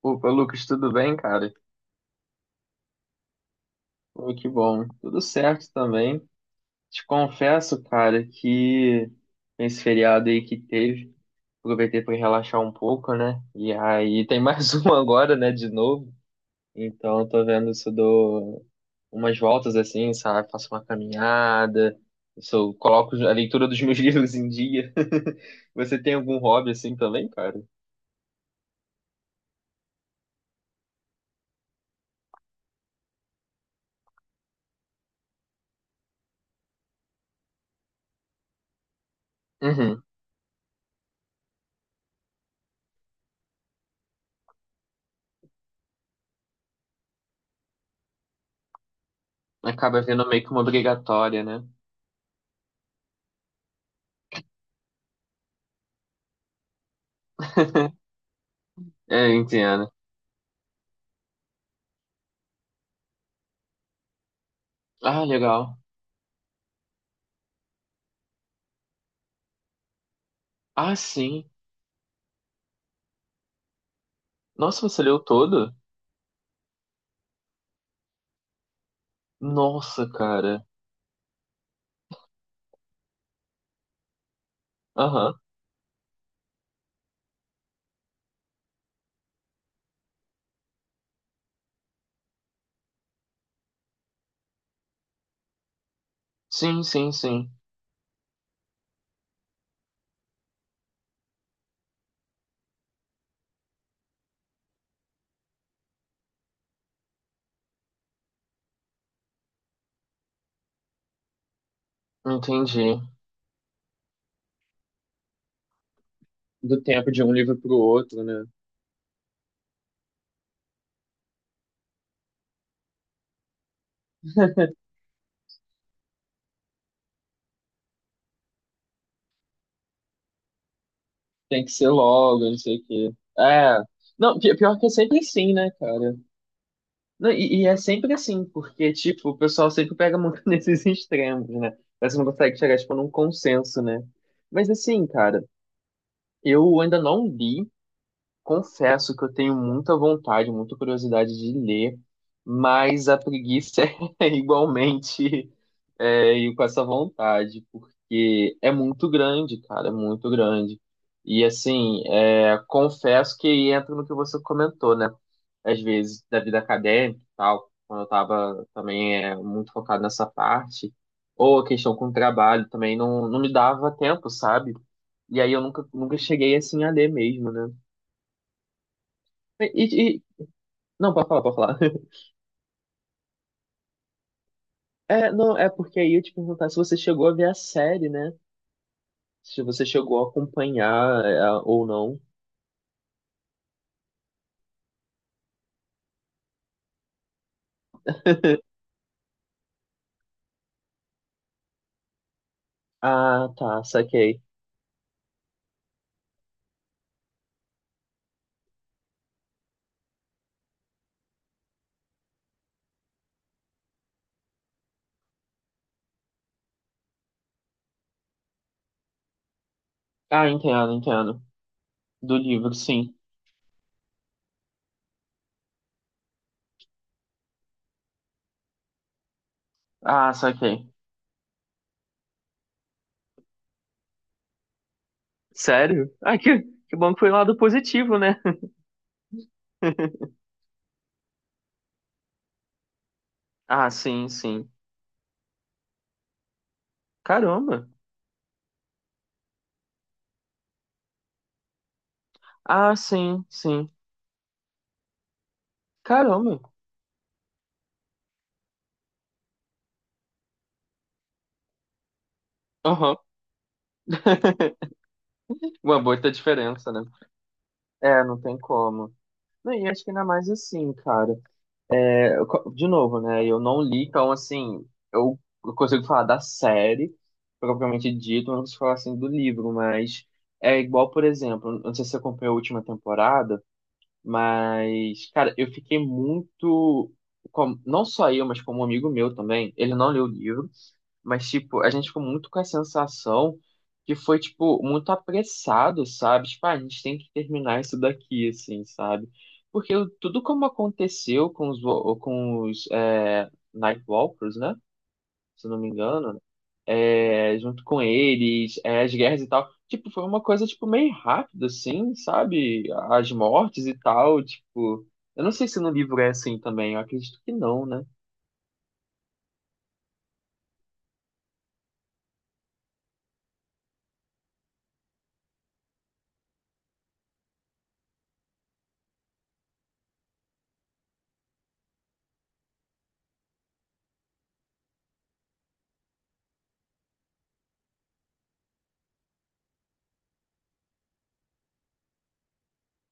Opa, Lucas, tudo bem, cara? Pô, que bom. Tudo certo também. Te confesso, cara, que esse feriado aí que teve, aproveitei para relaxar um pouco, né? E aí tem mais um agora, né, de novo. Então, eu tô vendo se eu dou umas voltas assim, sabe? Faço uma caminhada, se eu coloco a leitura dos meus livros em dia. Você tem algum hobby assim também, cara? Uhum. Acaba vendo meio que uma obrigatória, né? É, entendo. Ah, legal. Ah, sim. Nossa, você leu todo? Nossa, cara. Aham. Sim, sim, sim. Entendi. Do tempo de um livro pro outro, né? Tem que ser logo, não sei o quê. É. Não, pior que é sempre assim, né, cara? Não, e é sempre assim, porque, tipo, o pessoal sempre pega muito nesses extremos, né? Mas você não consegue chegar, tipo, num consenso, né? Mas assim, cara, eu ainda não li. Confesso que eu tenho muita vontade, muita curiosidade de ler, mas a preguiça é igualmente é, ir com essa vontade, porque é muito grande, cara, é muito grande. E assim, é, confesso que entra no que você comentou, né? Às vezes, da vida acadêmica e tal, quando eu tava também é, muito focado nessa parte, ou a questão com o trabalho também não me dava tempo, sabe? E aí eu nunca, nunca cheguei assim a ler mesmo, né? E, e- não, pode falar, pode falar. É, não, é porque aí eu te perguntar se você chegou a ver a série, né? Se você chegou a acompanhar é, ou não. Ah, tá, saquei. Ah, entendo, entendo. Do livro, sim. Ah, saquei. Sério? Que bom que foi um lado positivo, né? Ah, sim, sim. Caramba. Ah, sim, sim. Caramba. Aham. Uma boa diferença, né? É, não tem como. Não, e acho que ainda mais assim, cara. De novo, né? Eu não li, então, assim, eu eu consigo falar da série, propriamente dito, eu não consigo falar, assim, do livro, mas é igual, por exemplo, não sei se você acompanhou a última temporada, mas, cara, eu fiquei muito. Não só eu, mas como um amigo meu também, ele não leu o livro. Mas, tipo, a gente ficou muito com a sensação que foi, tipo, muito apressado, sabe? Tipo, ah, a gente tem que terminar isso daqui, assim, sabe? Tudo como aconteceu com com os é, Nightwalkers, né? Se eu não me engano, é, junto com eles, é, as guerras e tal, tipo, foi uma coisa, tipo, meio rápida, assim, sabe? As mortes e tal, tipo... Eu não sei se no livro é assim também, eu acredito que não, né?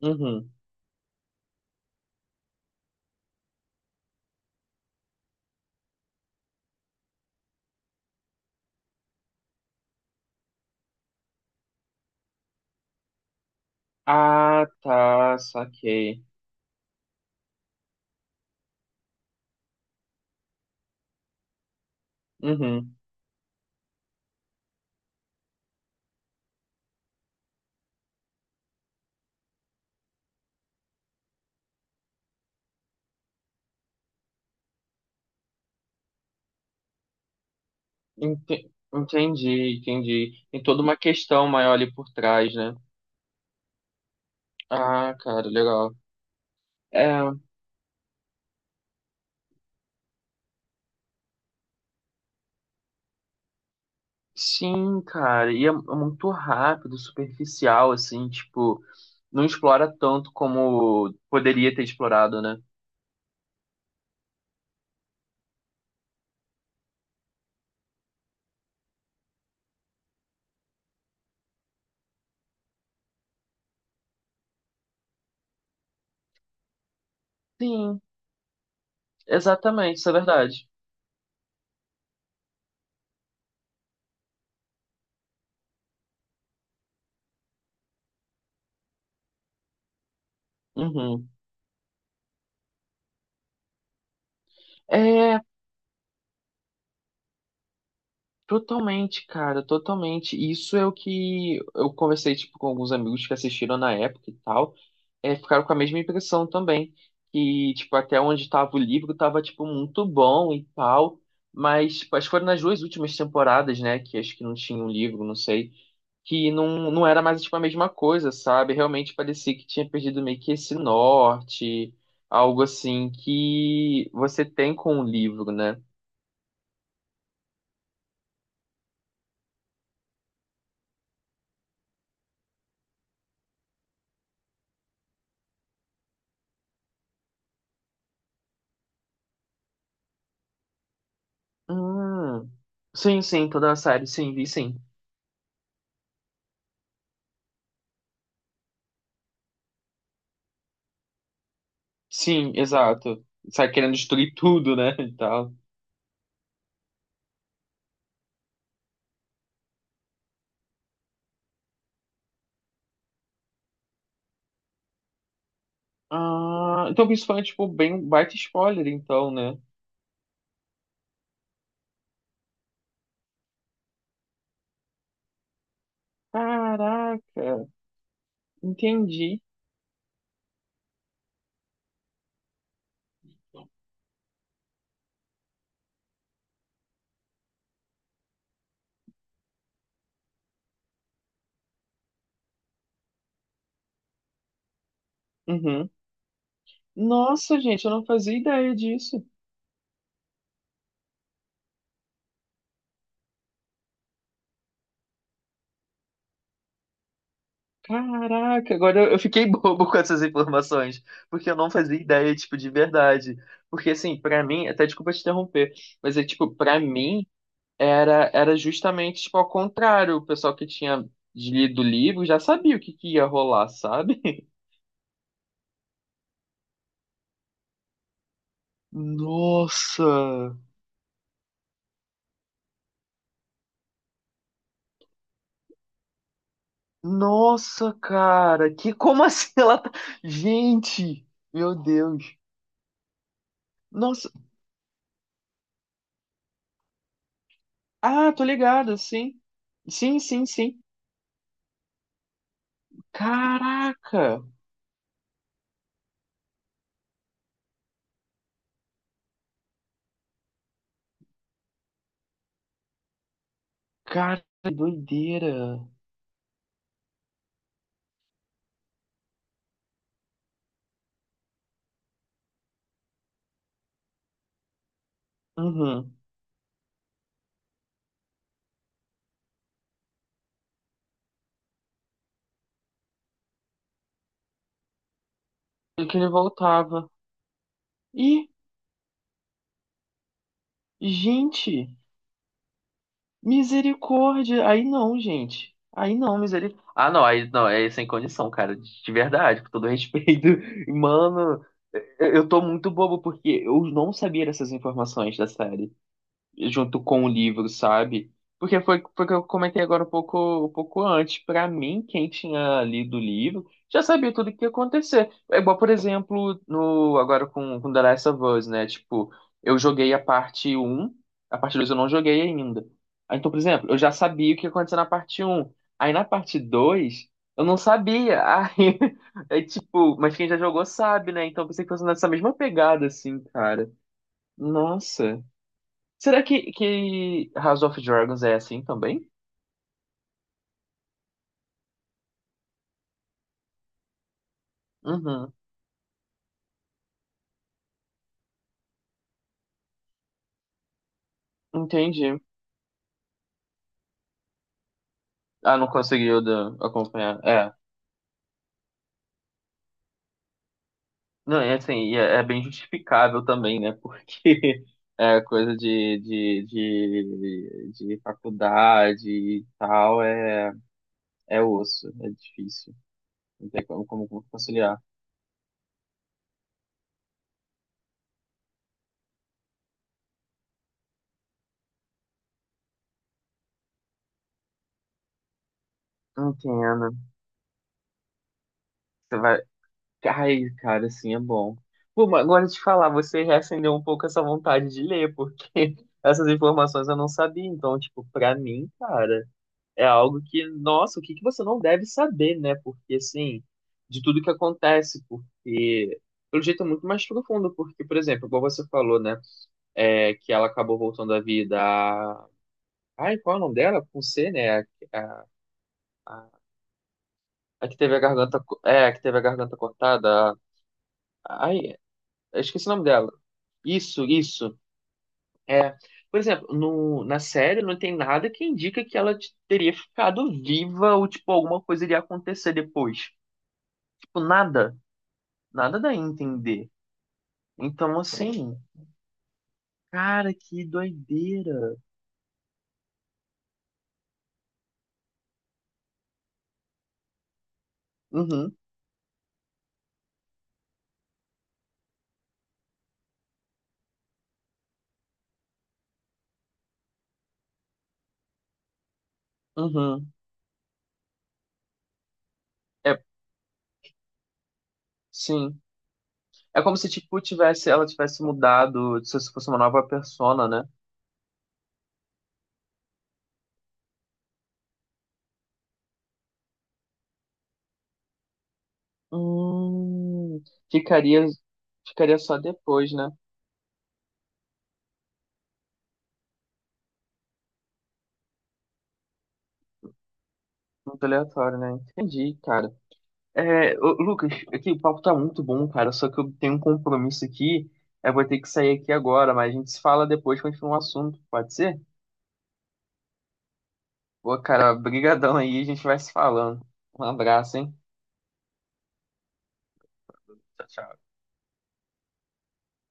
Uhum. Ah, tá, saquei. Uhum. Entendi, entendi. Tem toda uma questão maior ali por trás, né? Ah, cara, legal. É, sim, cara, e é muito rápido, superficial, assim, tipo, não explora tanto como poderia ter explorado, né? Sim, exatamente, isso é verdade. Uhum. É, totalmente, cara, totalmente. Isso é o que eu conversei, tipo, com alguns amigos que assistiram na época e tal, é, ficaram com a mesma impressão também, que, tipo, até onde tava o livro tava, tipo, muito bom e tal, mas, tipo, acho que foram nas duas últimas temporadas, né, que acho que não tinha um livro, não sei, que não era mais, tipo, a mesma coisa, sabe? Realmente parecia que tinha perdido meio que esse norte, algo assim que você tem com o livro, né? Hum. Sim, sim, toda a série, sim, vi sim. Sim, exato. Sai querendo destruir tudo, né? E tal. Ah, então isso foi, tipo, bem um baita spoiler, então, né? Caraca, entendi. Uhum. Nossa, gente, eu não fazia ideia disso. Caraca, agora eu fiquei bobo com essas informações, porque eu não fazia ideia, tipo, de verdade. Porque, assim, pra mim, até desculpa te interromper, mas é tipo, pra mim. Era, era justamente, tipo, ao contrário. O pessoal que tinha lido o livro já sabia o que que ia rolar, sabe? Nossa! Nossa, cara! Que como assim ela tá... Gente, meu Deus. Nossa. Ah, tô ligado, sim. Sim, sim, sim. Caraca! Cara, que doideira. Uhum. E que ele voltava. Ih, gente, misericórdia. Aí não, gente. Aí não, misericórdia. Ah, não, aí não, é sem condição, cara. De verdade, com todo respeito. Mano, é, eu tô muito bobo porque eu não sabia dessas informações da série junto com o livro, sabe? Porque foi, foi que eu comentei agora um pouco antes. Pra mim, quem tinha lido o livro já sabia tudo o que ia acontecer. É igual, por exemplo, no, agora com The Last of Us, né? Tipo, eu joguei a parte um a parte 2 eu não joguei ainda. Aí, então, por exemplo, eu já sabia o que ia acontecer na parte um. Aí na parte 2 eu não sabia. Aí, é tipo, mas quem já jogou sabe, né? Então, eu pensei que fosse nessa mesma pegada, assim, cara. Nossa. Será que House of Dragons é assim também? Uhum, entendi. Ah, não conseguiu acompanhar. É. Não, é assim, é bem justificável também, né? Porque é coisa de faculdade e tal, é, é osso, é difícil. Não tem como, como conciliar. Entendo. Você vai ai, cara, assim é bom. Pô, mas agora te falar, você reacendeu um pouco essa vontade de ler, porque essas informações eu não sabia. Então, tipo, pra mim, cara, é algo que, nossa, o que que você não deve saber, né? Porque, assim, de tudo que acontece, porque, pelo jeito, é muito mais profundo. Porque, por exemplo, igual você falou, né? É, que ela acabou voltando à vida. Ai, qual é o nome dela? Com C, né? A, a- a que teve a garganta, é, a que teve a garganta cortada. a- Ai, Eu esqueci o nome dela. Isso, isso. É. Por exemplo, na série não tem nada que indica que ela teria ficado viva ou, tipo, alguma coisa iria acontecer depois. Tipo, nada. Nada dá a entender. Então, assim, cara, que doideira. Uhum, uhum. É, sim. É como se, tipo, tivesse, ela tivesse mudado, se fosse uma nova persona, né? Hum, ficaria, ficaria só depois, né? Muito aleatório, né? Entendi, cara. É, ô, Lucas, aqui o papo tá muito bom, cara. Só que eu tenho um compromisso aqui. Eu vou ter que sair aqui agora, mas a gente se fala depois, continua o assunto, pode ser? Pô, cara, brigadão aí, a gente vai se falando. Um abraço, hein? Tchau, tchau.